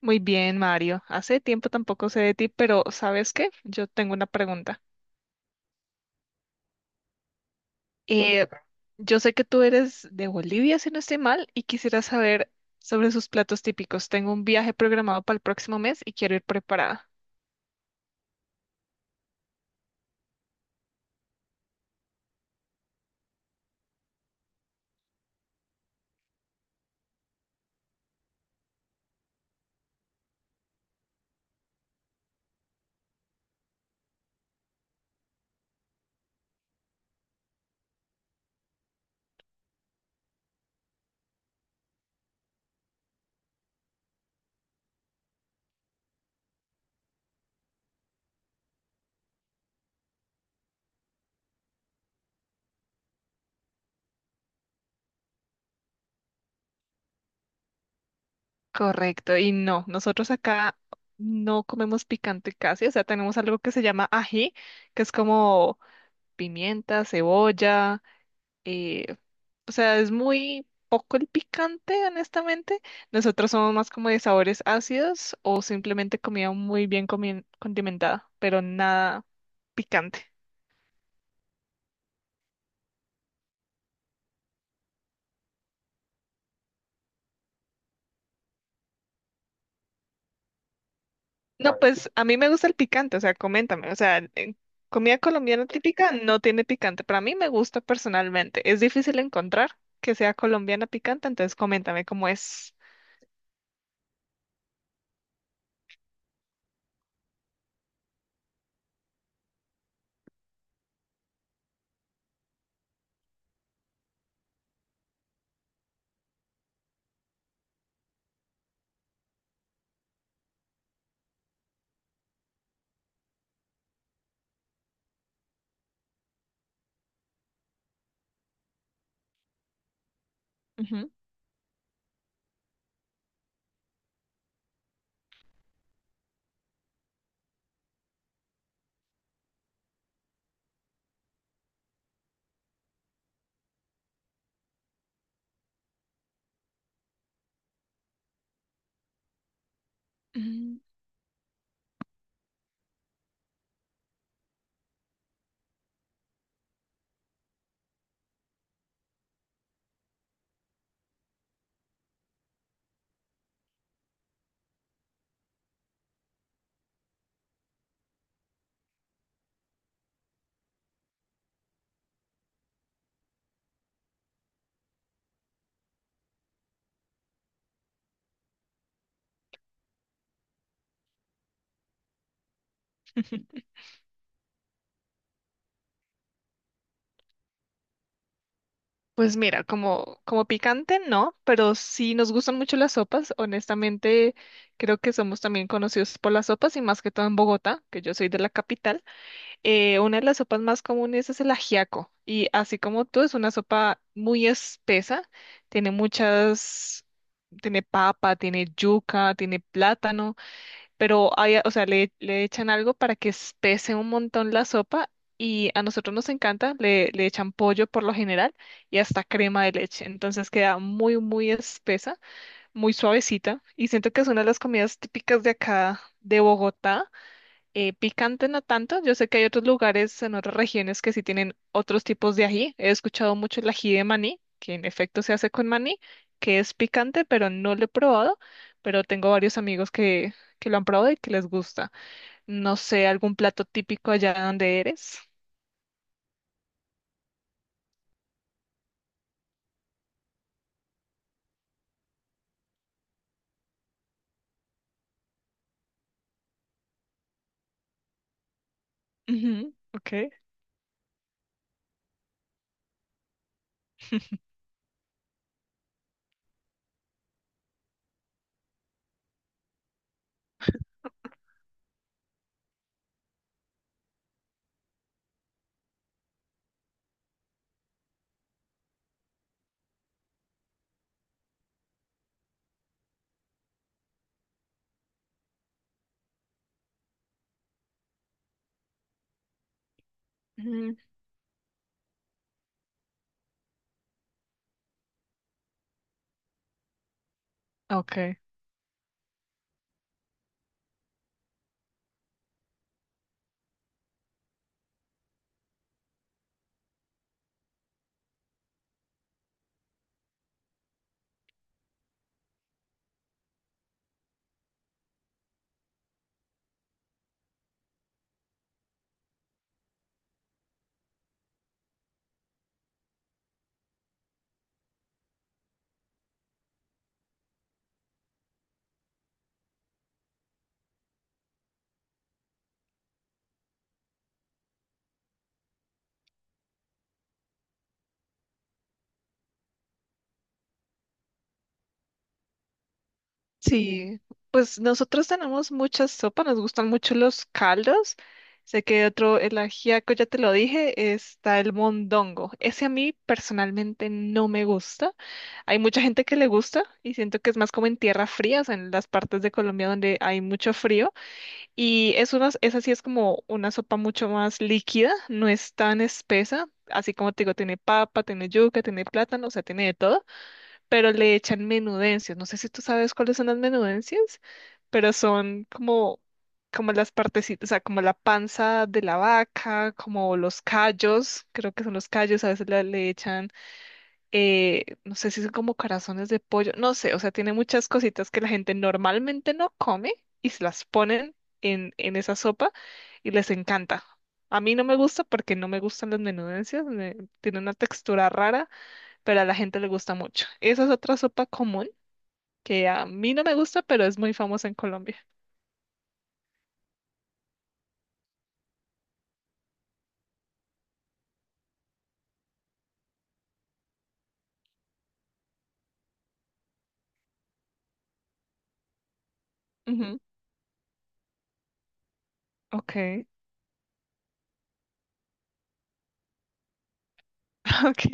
Muy bien, Mario. Hace tiempo tampoco sé de ti, pero ¿sabes qué? Yo tengo una pregunta. Eh, yo sé que tú eres de Bolivia, si no estoy mal, y quisiera saber sobre sus platos típicos. Tengo un viaje programado para el próximo mes y quiero ir preparada. Correcto. Y no, nosotros acá no comemos picante casi, o sea, tenemos algo que se llama ají, que es como pimienta, cebolla, eh, o sea, es muy poco el picante, honestamente. Nosotros somos más como de sabores ácidos o simplemente comida muy bien condimentada, pero nada picante. No, vale, pues a mí me gusta el picante, o sea, coméntame. O sea, comida colombiana típica no tiene picante, pero a mí me gusta personalmente. Es difícil encontrar que sea colombiana picante, entonces coméntame cómo es. Ujú. Mm. Pues mira, como picante, no, pero sí nos gustan mucho las sopas. Honestamente, creo que somos también conocidos por las sopas y más que todo en Bogotá, que yo soy de la capital. Una de las sopas más comunes es el ajiaco y así como tú, es una sopa muy espesa, tiene muchas, tiene papa, tiene yuca, tiene plátano, pero hay, o sea, le echan algo para que espese un montón la sopa y a nosotros nos encanta, le echan pollo por lo general y hasta crema de leche, entonces queda muy, muy espesa, muy suavecita y siento que es una de las comidas típicas de acá de Bogotá. Picante no tanto. Yo sé que hay otros lugares en otras regiones que sí tienen otros tipos de ají. He escuchado mucho el ají de maní, que en efecto se hace con maní, que es picante, pero no lo he probado. Pero tengo varios amigos que lo han probado y que les gusta. No sé, algún plato típico allá donde eres. Ujú, ok. Ujú, ok. Sí, pues nosotros tenemos muchas sopas, nos gustan mucho los caldos. Sé que otro, el ajiaco, ya te lo dije, está el mondongo. Ese a mí personalmente no me gusta. Hay mucha gente que le gusta y siento que es más como en tierra fría, o sea, en las partes de Colombia donde hay mucho frío. Y es una, esa sí es como una sopa mucho más líquida, no es tan espesa. Así como te digo, tiene papa, tiene yuca, tiene plátano, o sea, tiene de todo, pero le echan menudencias. No sé si tú sabes cuáles son las menudencias, pero son como, como las partecitas, o sea, como la panza de la vaca, como los callos, creo que son los callos, a veces le echan, no sé si son como corazones de pollo, no sé, o sea, tiene muchas cositas que la gente normalmente no come y se las ponen en esa sopa y les encanta. A mí no me gusta porque no me gustan las menudencias, tiene una textura rara, pero a la gente le gusta mucho. Esa es otra sopa común que a mí no me gusta, pero es muy famosa en Colombia. Ujú, ok, ok.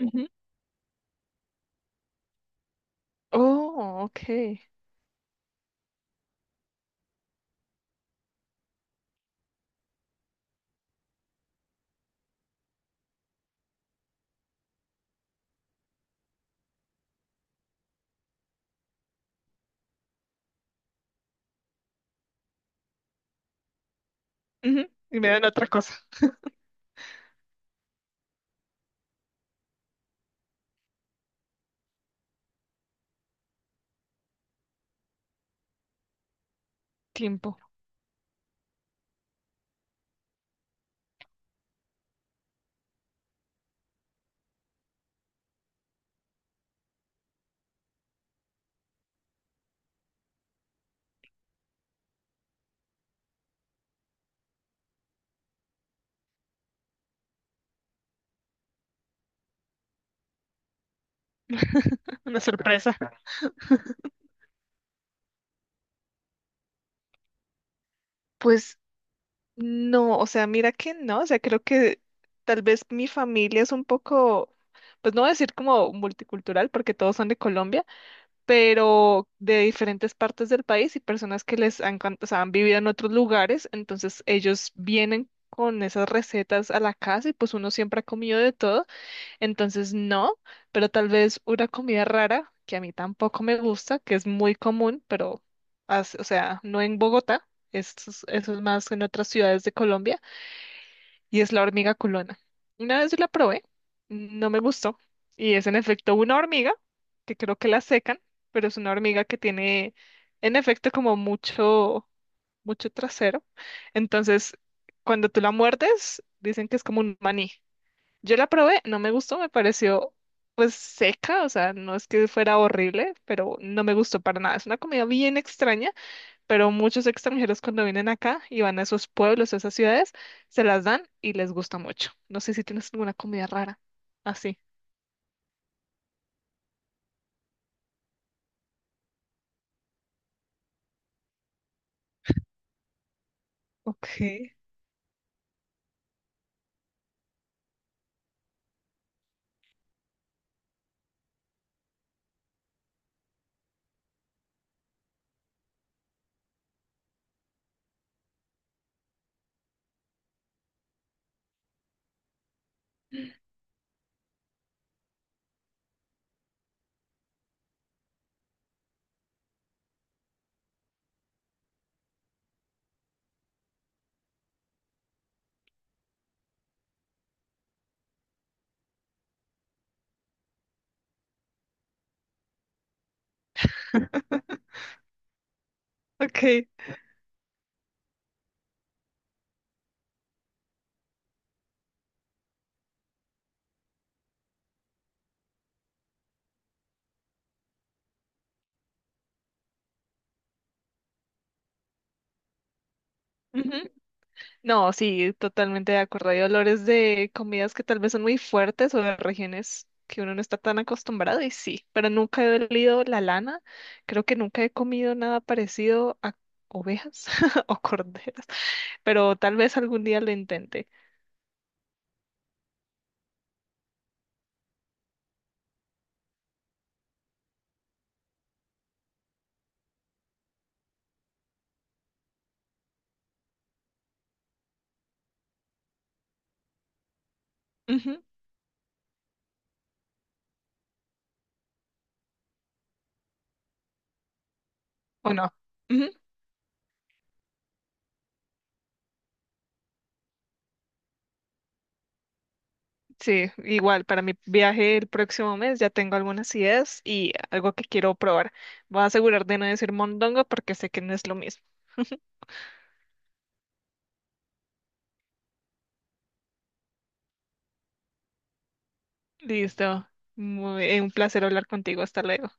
Ujú. Oh, ok. Ujú. Y me dan otra cosa. Tiempo. Una sorpresa. Pues no, o sea, mira que no, o sea, creo que tal vez mi familia es un poco, pues no voy a decir como multicultural, porque todos son de Colombia, pero de diferentes partes del país y personas que les han, o sea, han vivido en otros lugares, entonces ellos vienen con esas recetas a la casa y pues uno siempre ha comido de todo, entonces no, pero tal vez una comida rara que a mí tampoco me gusta, que es muy común, pero, o sea, no en Bogotá, eso es más en otras ciudades de Colombia y es la hormiga culona. Una vez la probé, no me gustó y es en efecto una hormiga que creo que la secan, pero es una hormiga que tiene en efecto como mucho, mucho trasero. Entonces, cuando tú la muerdes, dicen que es como un maní. Yo la probé, no me gustó, me pareció pues seca, o sea, no es que fuera horrible, pero no me gustó para nada. Es una comida bien extraña, pero muchos extranjeros cuando vienen acá y van a esos pueblos, a esas ciudades, se las dan y les gusta mucho. No sé si tienes alguna comida rara así. Okay. Okay. Ujú. No, sí, totalmente de acuerdo. Hay olores de comidas que tal vez son muy fuertes o de regiones que uno no está tan acostumbrado y sí, pero nunca he olido la lana. Creo que nunca he comido nada parecido a ovejas o corderas, pero tal vez algún día lo intente. Ujú. ¿O no? Sí, igual para mi viaje el próximo mes ya tengo algunas ideas y algo que quiero probar. Voy a asegurar de no decir mondongo porque sé que no es lo mismo. Listo. Un placer hablar contigo. Hasta luego.